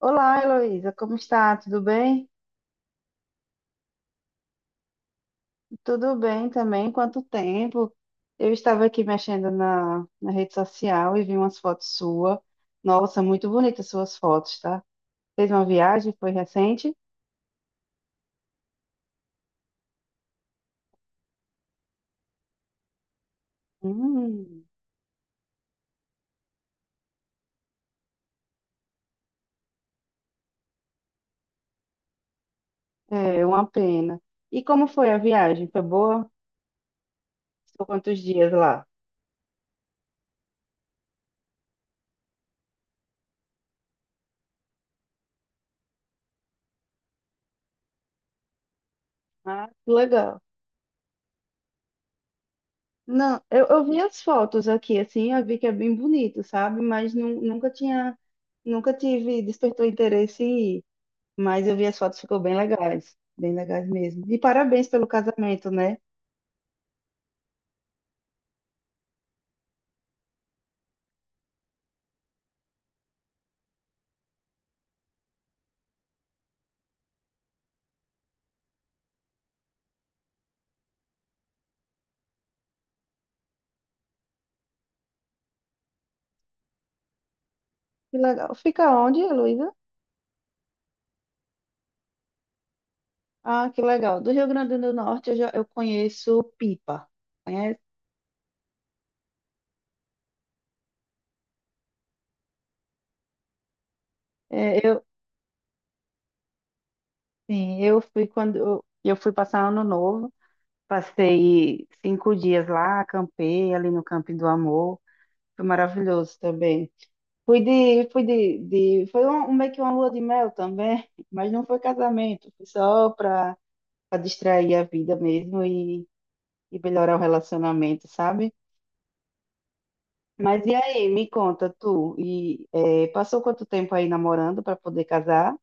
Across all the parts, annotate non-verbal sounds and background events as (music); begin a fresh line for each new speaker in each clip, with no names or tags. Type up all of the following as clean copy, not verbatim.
Olá, Heloísa, como está? Tudo bem? Tudo bem também. Quanto tempo? Eu estava aqui mexendo na rede social e vi umas fotos suas. Nossa, muito bonitas suas fotos, tá? Fez uma viagem? Foi recente? Hum, é uma pena. E como foi a viagem? Foi boa? Ficou quantos dias lá? Ah, que legal. Não, eu vi as fotos aqui, assim, eu vi que é bem bonito, sabe? Mas nunca tinha, nunca tive, despertou interesse em ir. Mas eu vi as fotos, ficou bem legais. Bem legais mesmo. E parabéns pelo casamento, né? Que legal. Fica onde, Heloísa? Ah, que legal. Do Rio Grande do Norte eu conheço Pipa. Conhece? É, eu, sim, eu fui quando eu fui passar ano novo. Passei 5 dias lá, acampei ali no Camping do Amor. Foi maravilhoso também. Foi meio que uma lua de mel também, (laughs) mas não foi casamento, foi só para distrair a vida mesmo e melhorar o relacionamento, sabe? Mas e aí, me conta, passou quanto tempo aí namorando para poder casar?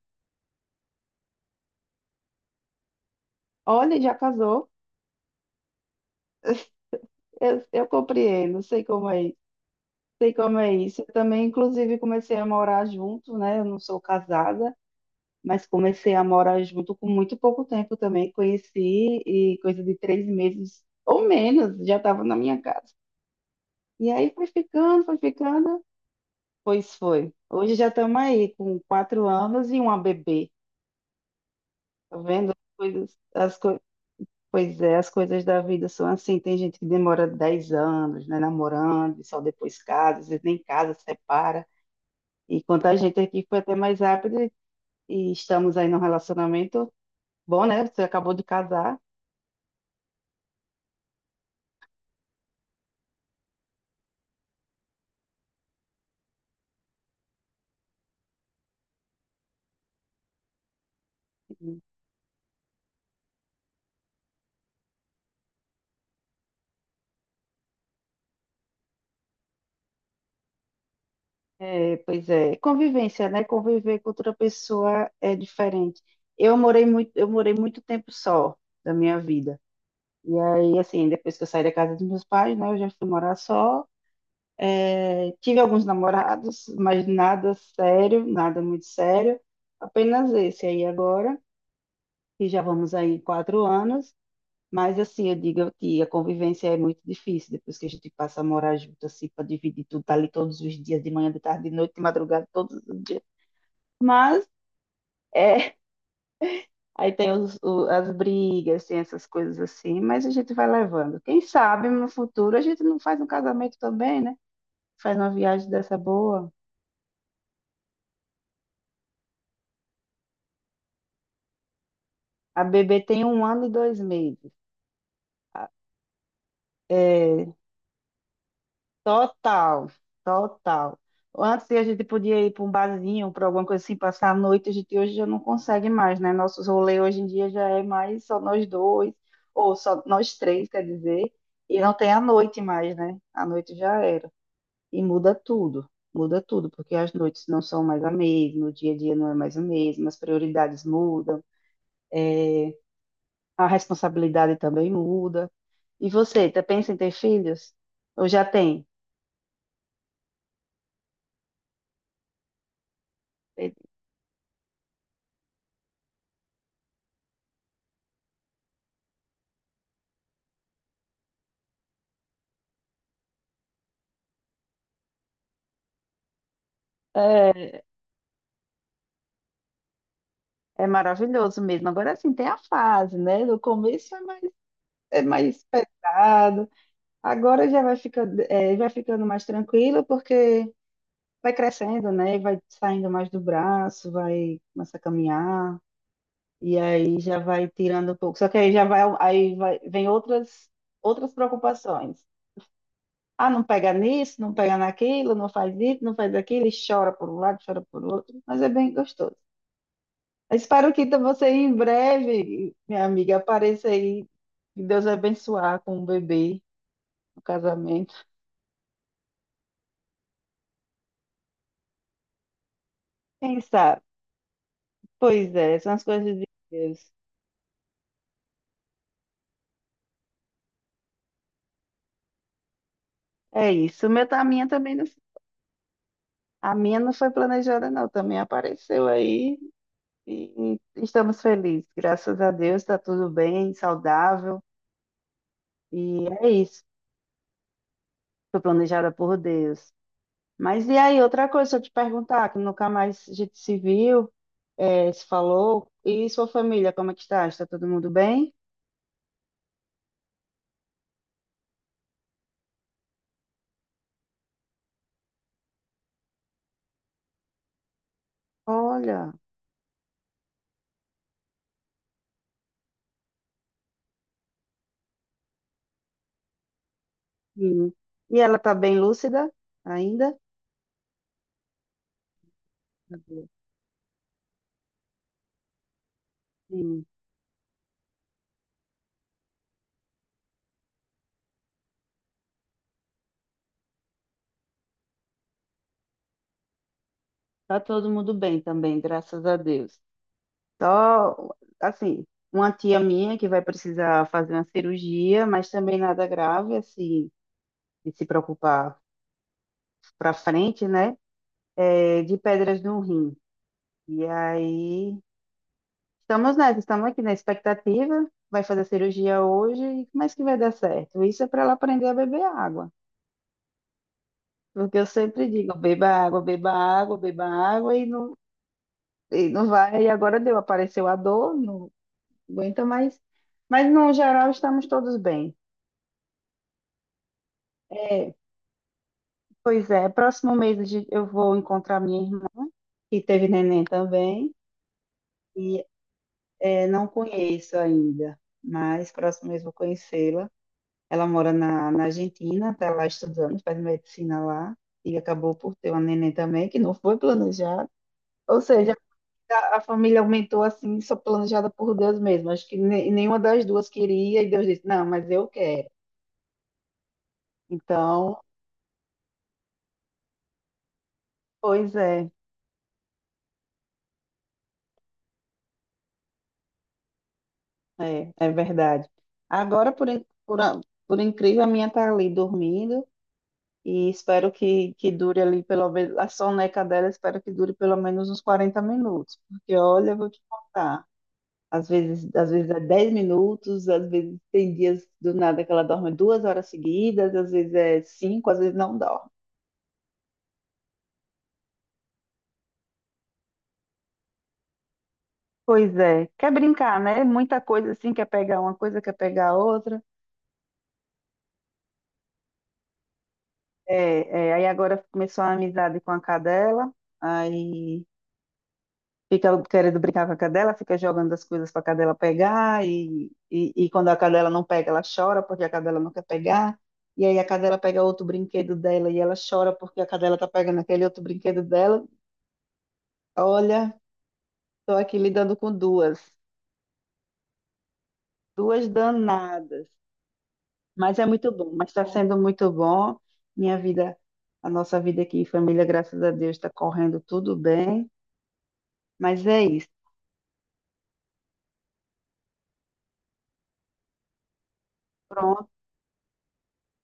Olha, já casou, eu compreendo, sei como é, isso, sei como é isso. Eu também, inclusive, comecei a morar junto, né? Eu não sou casada, mas comecei a morar junto com muito pouco tempo também. Conheci e coisa de 3 meses ou menos, já estava na minha casa. E aí foi ficando, pois foi. Hoje já estamos aí com 4 anos e uma bebê. Tá vendo? As coisas, as coi- pois é, as coisas da vida são assim. Tem gente que demora 10 anos, né, namorando, e só depois casa, às vezes nem casa, separa. E quanto a gente aqui foi até mais rápido e estamos aí num relacionamento bom, né? Você acabou de casar. É, pois é, convivência, né? Conviver com outra pessoa é diferente. Eu morei muito tempo só da minha vida. E aí, assim, depois que eu saí da casa dos meus pais, né, eu já fui morar só. Tive alguns namorados, mas nada sério, nada muito sério. Apenas esse aí agora, que já vamos aí em 4 anos. Mas assim, eu digo que a convivência é muito difícil depois que a gente passa a morar junto, assim, para dividir tudo, tá ali todos os dias, de manhã, de tarde, de noite, de madrugada, todos os dias. Mas, é, aí tem as brigas, tem essas coisas assim, mas a gente vai levando. Quem sabe no futuro a gente não faz um casamento também, né? Faz uma viagem dessa boa. A bebê tem 1 ano e 2 meses. É, total, total. Antes a gente podia ir para um barzinho, para alguma coisa assim, passar a noite, a gente hoje já não consegue mais, né? Nossos rolês hoje em dia já é mais só nós dois, ou só nós três, quer dizer, e não tem a noite mais, né? A noite já era. E muda tudo, porque as noites não são mais a mesma, o dia a dia não é mais o mesmo, as prioridades mudam, a responsabilidade também muda. E você, tá pensa em ter filhos? Ou já tem? É, é maravilhoso mesmo. Agora assim tem a fase, né? No começo é mais pesado, agora já vai ficando, é, vai ficando mais tranquilo, porque vai crescendo, né? Vai saindo mais do braço, vai começar a caminhar, e aí já vai tirando um pouco. Só que aí já vai, aí vai, vem outras, outras preocupações. Ah, não pega nisso, não pega naquilo, não faz isso, não faz aquilo, e chora por um lado, chora por outro, mas é bem gostoso. Eu espero que então você em breve, minha amiga, apareça aí. Que Deus abençoar com o bebê, o casamento. Quem sabe? Pois é, são as coisas de Deus. É isso. O meu, tá- a minha também não, a minha não foi planejada, não. Também apareceu aí e estamos felizes. Graças a Deus, está tudo bem, saudável. E é isso. Foi planejada por Deus. Mas e aí, outra coisa, se eu te perguntar, que nunca mais a gente se viu, se falou, e sua família, como é que está? Está todo mundo bem? Olha, sim. E ela está bem lúcida ainda? Uhum. Sim, está todo mundo bem também, graças a Deus. Só, assim, uma tia minha que vai precisar fazer uma cirurgia, mas também nada grave, assim, de se preocupar para frente, né? É, de pedras no rim. E aí, estamos nessa, estamos aqui na expectativa. Vai fazer a cirurgia hoje, mas que vai dar certo. Isso é para ela aprender a beber água. Porque eu sempre digo, beba água, beba água, beba água, e não vai. E agora deu, apareceu a dor, não aguenta mais. Mas no geral estamos todos bem. É, pois é, próximo mês a gente- eu vou encontrar minha irmã, que teve neném também, e é, não conheço ainda, mas próximo mês vou conhecê-la. Ela mora na Argentina, está lá estudando, faz medicina lá, e acabou por ter uma neném também, que não foi planejada. Ou seja, a família aumentou assim, só planejada por Deus mesmo. Acho que nenhuma das duas queria, e Deus disse, não, mas eu quero. Então, pois é, é verdade. Agora, por incrível, a minha tá ali dormindo, e espero que dure ali, pelo menos, a soneca dela, espero que dure pelo menos uns 40 minutos, porque olha, eu vou te contar. Às vezes é 10 minutos, às vezes tem dias do nada que ela dorme 2 horas seguidas, às vezes é cinco, às vezes não dorme. Pois é, quer brincar, né? Muita coisa assim, quer pegar uma coisa, quer pegar outra. Aí agora começou uma amizade com a cadela, aí fica querendo brincar com a cadela, fica jogando as coisas para a cadela pegar, e quando a cadela não pega, ela chora porque a cadela não quer pegar. E aí a cadela pega outro brinquedo dela e ela chora porque a cadela tá pegando aquele outro brinquedo dela. Olha, estou aqui lidando com duas danadas, mas é muito bom, mas está sendo muito bom. Minha vida, a nossa vida aqui em família, graças a Deus, está correndo tudo bem, mas é isso.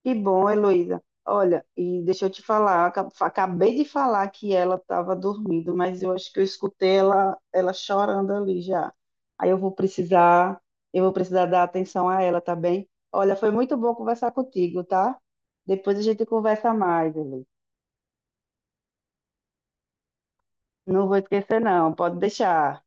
Que bom, Heloísa. Olha, e deixa eu te falar, acabei de falar que ela estava dormindo, mas eu acho que eu escutei ela chorando ali já. Aí eu vou precisar dar atenção a ela, tá bem? Olha, foi muito bom conversar contigo, tá? Depois a gente conversa mais, Heloísa. Não vou esquecer, não, pode deixar.